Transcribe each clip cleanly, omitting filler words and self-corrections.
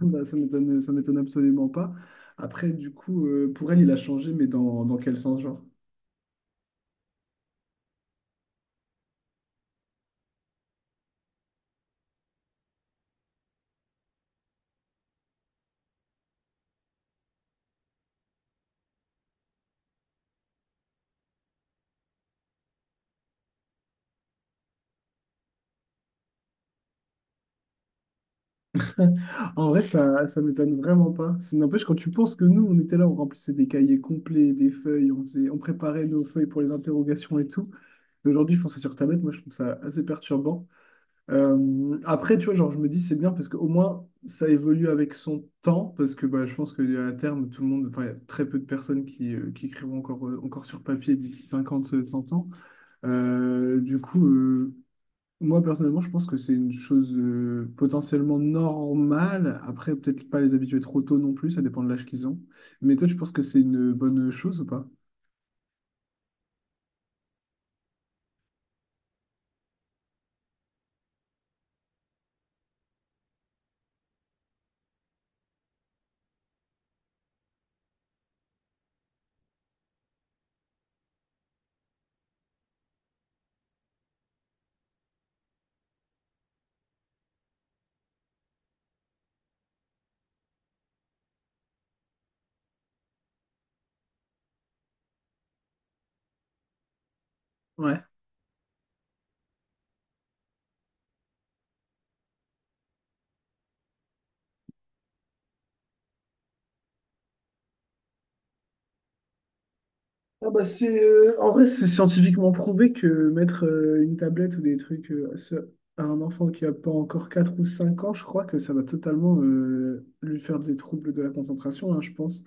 Bah, ça m'étonne absolument pas. Après, du coup, pour elle, il a changé, mais dans quel sens, genre? En vrai, ça m'étonne vraiment pas. N'empêche, quand tu penses que nous, on était là, on remplissait des cahiers complets, des feuilles, on préparait nos feuilles pour les interrogations et tout. Et aujourd'hui, ils font ça sur tablette. Moi, je trouve ça assez perturbant. Après, tu vois, genre, je me dis, c'est bien parce qu'au moins, ça évolue avec son temps. Parce que bah, je pense qu'à terme, tout le monde, enfin, il y a très peu de personnes qui écrivont encore sur papier d'ici 50, 100 ans. Du coup, moi personnellement, je pense que c'est une chose potentiellement normale. Après, peut-être pas les habituer trop tôt non plus, ça dépend de l'âge qu'ils ont. Mais toi, tu penses que c'est une bonne chose ou pas? Ouais. Ah bah c'est en vrai c'est scientifiquement prouvé que mettre une tablette ou des trucs à un enfant qui a pas encore 4 ou 5 ans, je crois que ça va totalement lui faire des troubles de la concentration, hein, je pense.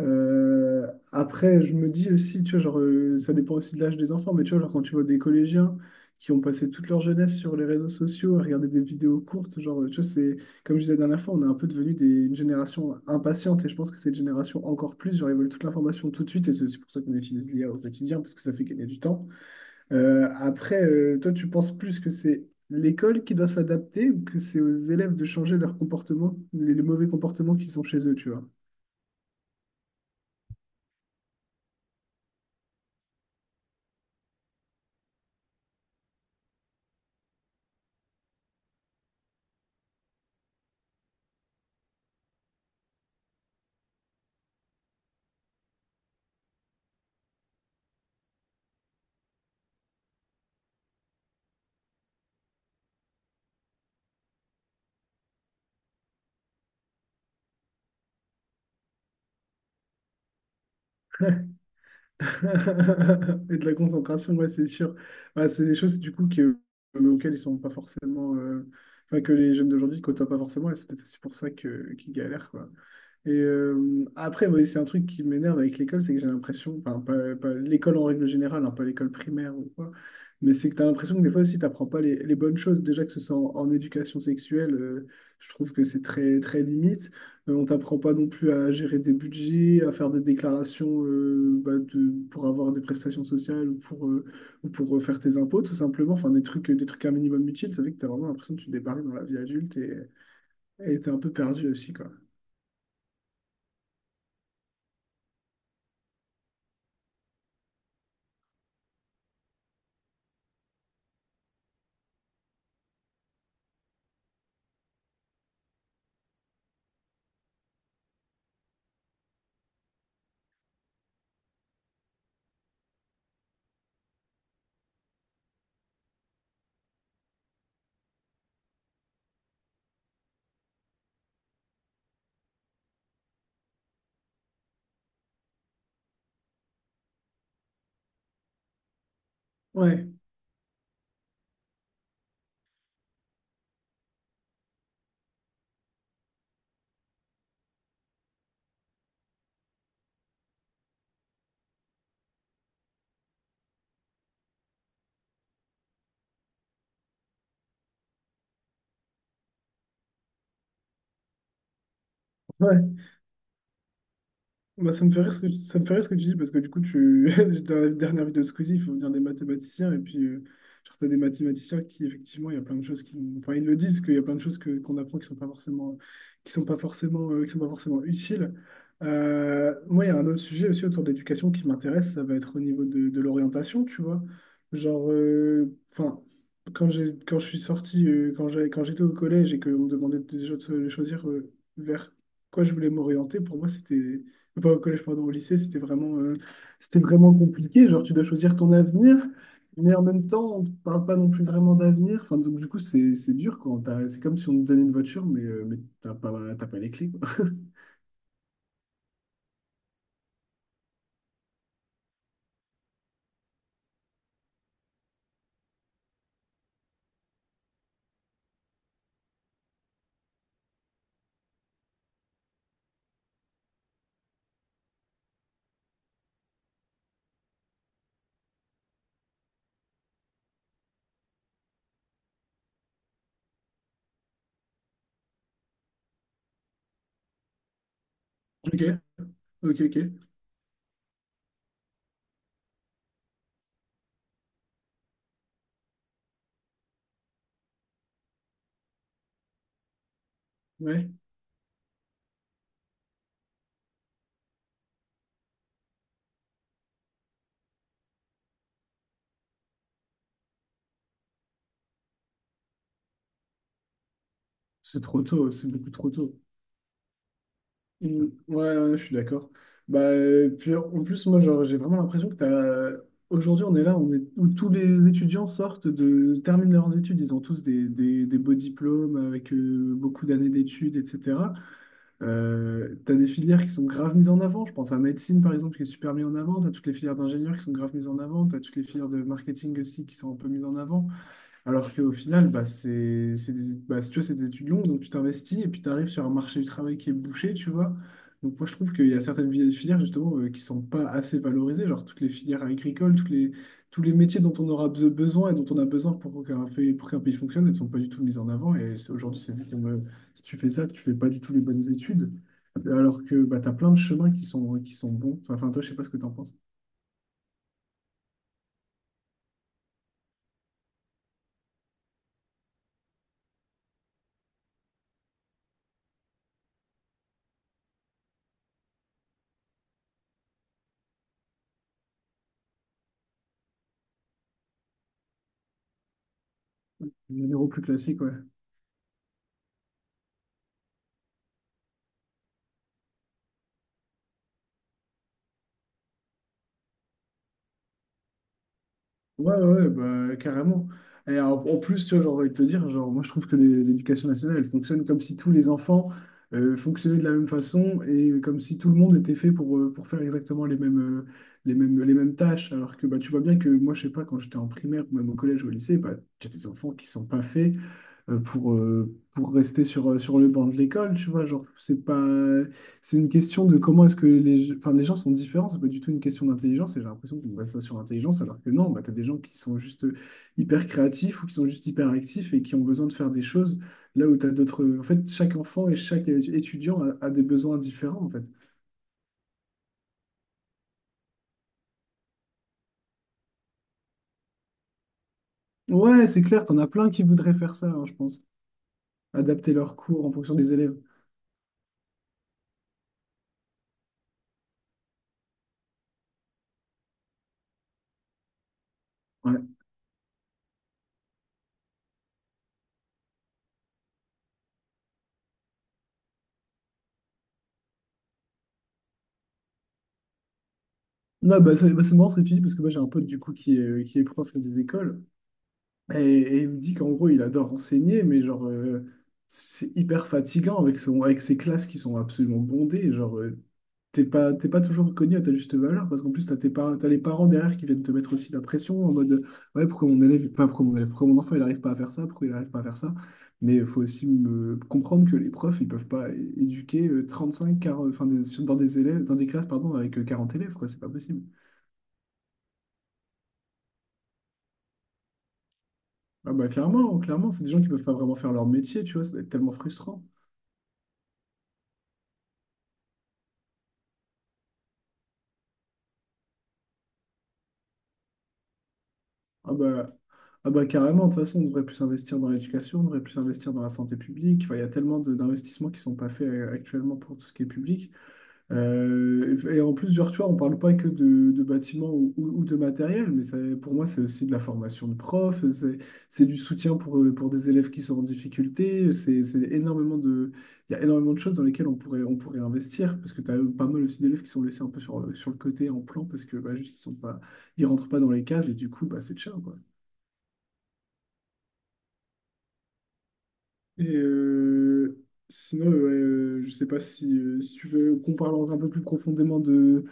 Après, je me dis aussi, tu vois, genre, ça dépend aussi de l'âge des enfants, mais tu vois, genre, quand tu vois des collégiens qui ont passé toute leur jeunesse sur les réseaux sociaux à regarder des vidéos courtes, genre, tu vois, c'est, comme je disais la dernière fois, on est un peu devenu une génération impatiente, et je pense que cette génération encore plus, genre, ils veulent toute l'information tout de suite, et c'est aussi pour ça qu'on utilise l'IA au quotidien, parce que ça fait gagner du temps. Après, toi, tu penses plus que c'est l'école qui doit s'adapter, ou que c'est aux élèves de changer leur comportement, les mauvais comportements qu'ils ont chez eux, tu vois? Et de la concentration, ouais, c'est sûr. Bah, c'est des choses du coup que, auxquelles ils sont pas forcément, enfin que les jeunes d'aujourd'hui ne côtoient pas forcément, et c'est peut-être aussi pour ça que qu'ils galèrent, quoi. Et après, ouais, c'est un truc qui m'énerve avec l'école, c'est que j'ai l'impression, enfin, pas l'école en règle générale, hein, pas l'école primaire ou quoi, mais c'est que tu as l'impression que des fois aussi, tu n'apprends pas les bonnes choses. Déjà que ce soit en éducation sexuelle, je trouve que c'est très, très limite. On t'apprend pas non plus à gérer des budgets, à faire des déclarations pour avoir des prestations sociales ou pour, faire tes impôts, tout simplement. Enfin, des trucs un minimum utiles, ça fait que tu as vraiment l'impression que tu débarques dans la vie adulte et t'es un peu perdu aussi, quoi. Ouais. Ouais. Bah, ça me fait rire ce que tu, ça me fait rire ce que tu dis parce que du coup, tu, dans la dernière vidéo de Squeezie, il faut venir des mathématiciens et puis, genre, t'as des mathématiciens qui, effectivement, il y a plein de choses qui, enfin, ils le disent qu'il y a plein de choses qu'on apprend qui sont pas forcément, qui sont pas forcément, qui sont pas forcément utiles. Moi, il y a un autre sujet aussi autour de l'éducation qui m'intéresse, ça va être au niveau de l'orientation, tu vois. Genre, enfin, quand j'ai, quand je suis sorti, quand j'ai, quand j'étais au collège et qu'on me demandait déjà de choisir, vers quoi je voulais m'orienter, pour moi, c'était pas au collège, pardon, au lycée, c'était vraiment compliqué. Genre, tu dois choisir ton avenir, mais en même temps, on ne parle pas non plus vraiment d'avenir. Enfin, donc, du coup, c'est dur quoi c'est comme si on te donnait une voiture, mais, t'as pas les clés, quoi. Ok, ok, ok. Ouais, c'est trop tôt, c'est beaucoup trop tôt. Mm, ouais, ouais, je suis d'accord. Bah, puis en plus, moi, genre, j'ai vraiment l'impression Aujourd'hui, on est là, on est... où tous les étudiants terminent leurs études. Ils ont tous des beaux diplômes avec beaucoup d'années d'études, etc. T'as des filières qui sont grave mises en avant. Je pense à médecine, par exemple, qui est super mise en avant. T'as toutes les filières d'ingénieurs qui sont grave mises en avant. T'as toutes les filières de marketing aussi qui sont un peu mises en avant. Alors qu'au final, bah, si tu vois, c'est des étudiants, donc tu t'investis et puis tu arrives sur un marché du travail qui est bouché, tu vois. Donc moi, je trouve qu'il y a certaines filières, justement, qui sont pas assez valorisées, genre toutes les filières agricoles, tous les métiers dont on aura besoin et dont on a besoin pour qu'un pour qu'un pays fonctionne, elles ne sont pas du tout mises en avant. Aujourd'hui, c'est vu comme si tu fais ça, tu fais pas du tout les bonnes études. Alors que bah, tu as plein de chemins qui sont bons. Enfin, toi, je sais pas ce que tu en penses. Les numéros plus classiques, ouais. Ouais, ouais, ouais, bah, carrément. Et en plus, tu vois, j'ai envie de te dire, genre, moi, je trouve que l'éducation nationale, elle fonctionne comme si tous les enfants fonctionnaient de la même façon et comme si tout le monde était fait pour, faire exactement les mêmes tâches. Alors que bah, tu vois bien que moi, je sais pas, quand j'étais en primaire ou même au collège ou au lycée, bah, tu as des enfants qui sont pas faits pour, rester sur le banc de l'école, tu vois. Genre, c'est pas, c'est une question de comment est-ce que les, enfin, les gens sont différents. C'est pas du tout une question d'intelligence. Et j'ai l'impression qu'on base ça sur l'intelligence, alors que non, bah, tu as des gens qui sont juste hyper créatifs ou qui sont juste hyper actifs et qui ont besoin de faire des choses là où tu as d'autres. En fait, chaque enfant et chaque étudiant a des besoins différents, en fait. Ouais, c'est clair, t'en as plein qui voudraient faire ça, hein, je pense. Adapter leurs cours en fonction des élèves. Ouais. Non, bah, c'est marrant ce que tu dis, parce que moi j'ai un pote du coup qui est prof des écoles. Et il me dit qu'en gros, il adore enseigner, mais genre, c'est hyper fatigant avec ses classes qui sont absolument bondées. Genre, t'es pas toujours reconnu à ta juste valeur, parce qu'en plus, t'as tes parents, t'as les parents derrière qui viennent te mettre aussi la pression en mode, ouais, pourquoi mon élève, pas pourquoi mon élève, pourquoi mon enfant, il n'arrive pas à faire ça, pourquoi il n'arrive pas à faire ça. Mais il faut aussi me comprendre que les profs, ils peuvent pas éduquer 35, 40, enfin, dans des élèves, dans des classes, pardon, avec 40 élèves, quoi, c'est pas possible. Ah bah clairement, clairement, c'est des gens qui peuvent pas vraiment faire leur métier, tu vois, ça doit être tellement frustrant. Ah bah, ah bah, carrément, de toute façon, on devrait plus investir dans l'éducation, on devrait plus investir dans la santé publique. Enfin, il y a tellement d'investissements qui sont pas faits actuellement pour tout ce qui est public. Et en plus, genre, tu vois, on parle pas que de bâtiments ou, ou de matériel, mais ça, pour moi, c'est aussi de la formation de profs, c'est du soutien pour des élèves qui sont en difficulté, c'est énormément de, il y a énormément de choses dans lesquelles on pourrait investir, parce que tu as pas mal aussi d'élèves qui sont laissés un peu sur le côté en plan, parce que bah, juste, ils sont pas, ils rentrent pas dans les cases, et du coup, bah, c'est cher, Et sinon, ouais, je sais pas si tu veux qu'on parle encore un peu plus profondément de,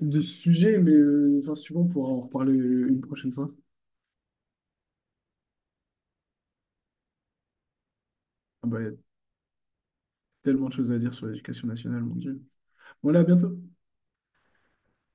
de ce sujet, mais enfin, si tu veux, on pourra en reparler une prochaine fois. Ah bah, il y a tellement de choses à dire sur l'éducation nationale, mon Dieu. Voilà, à bientôt.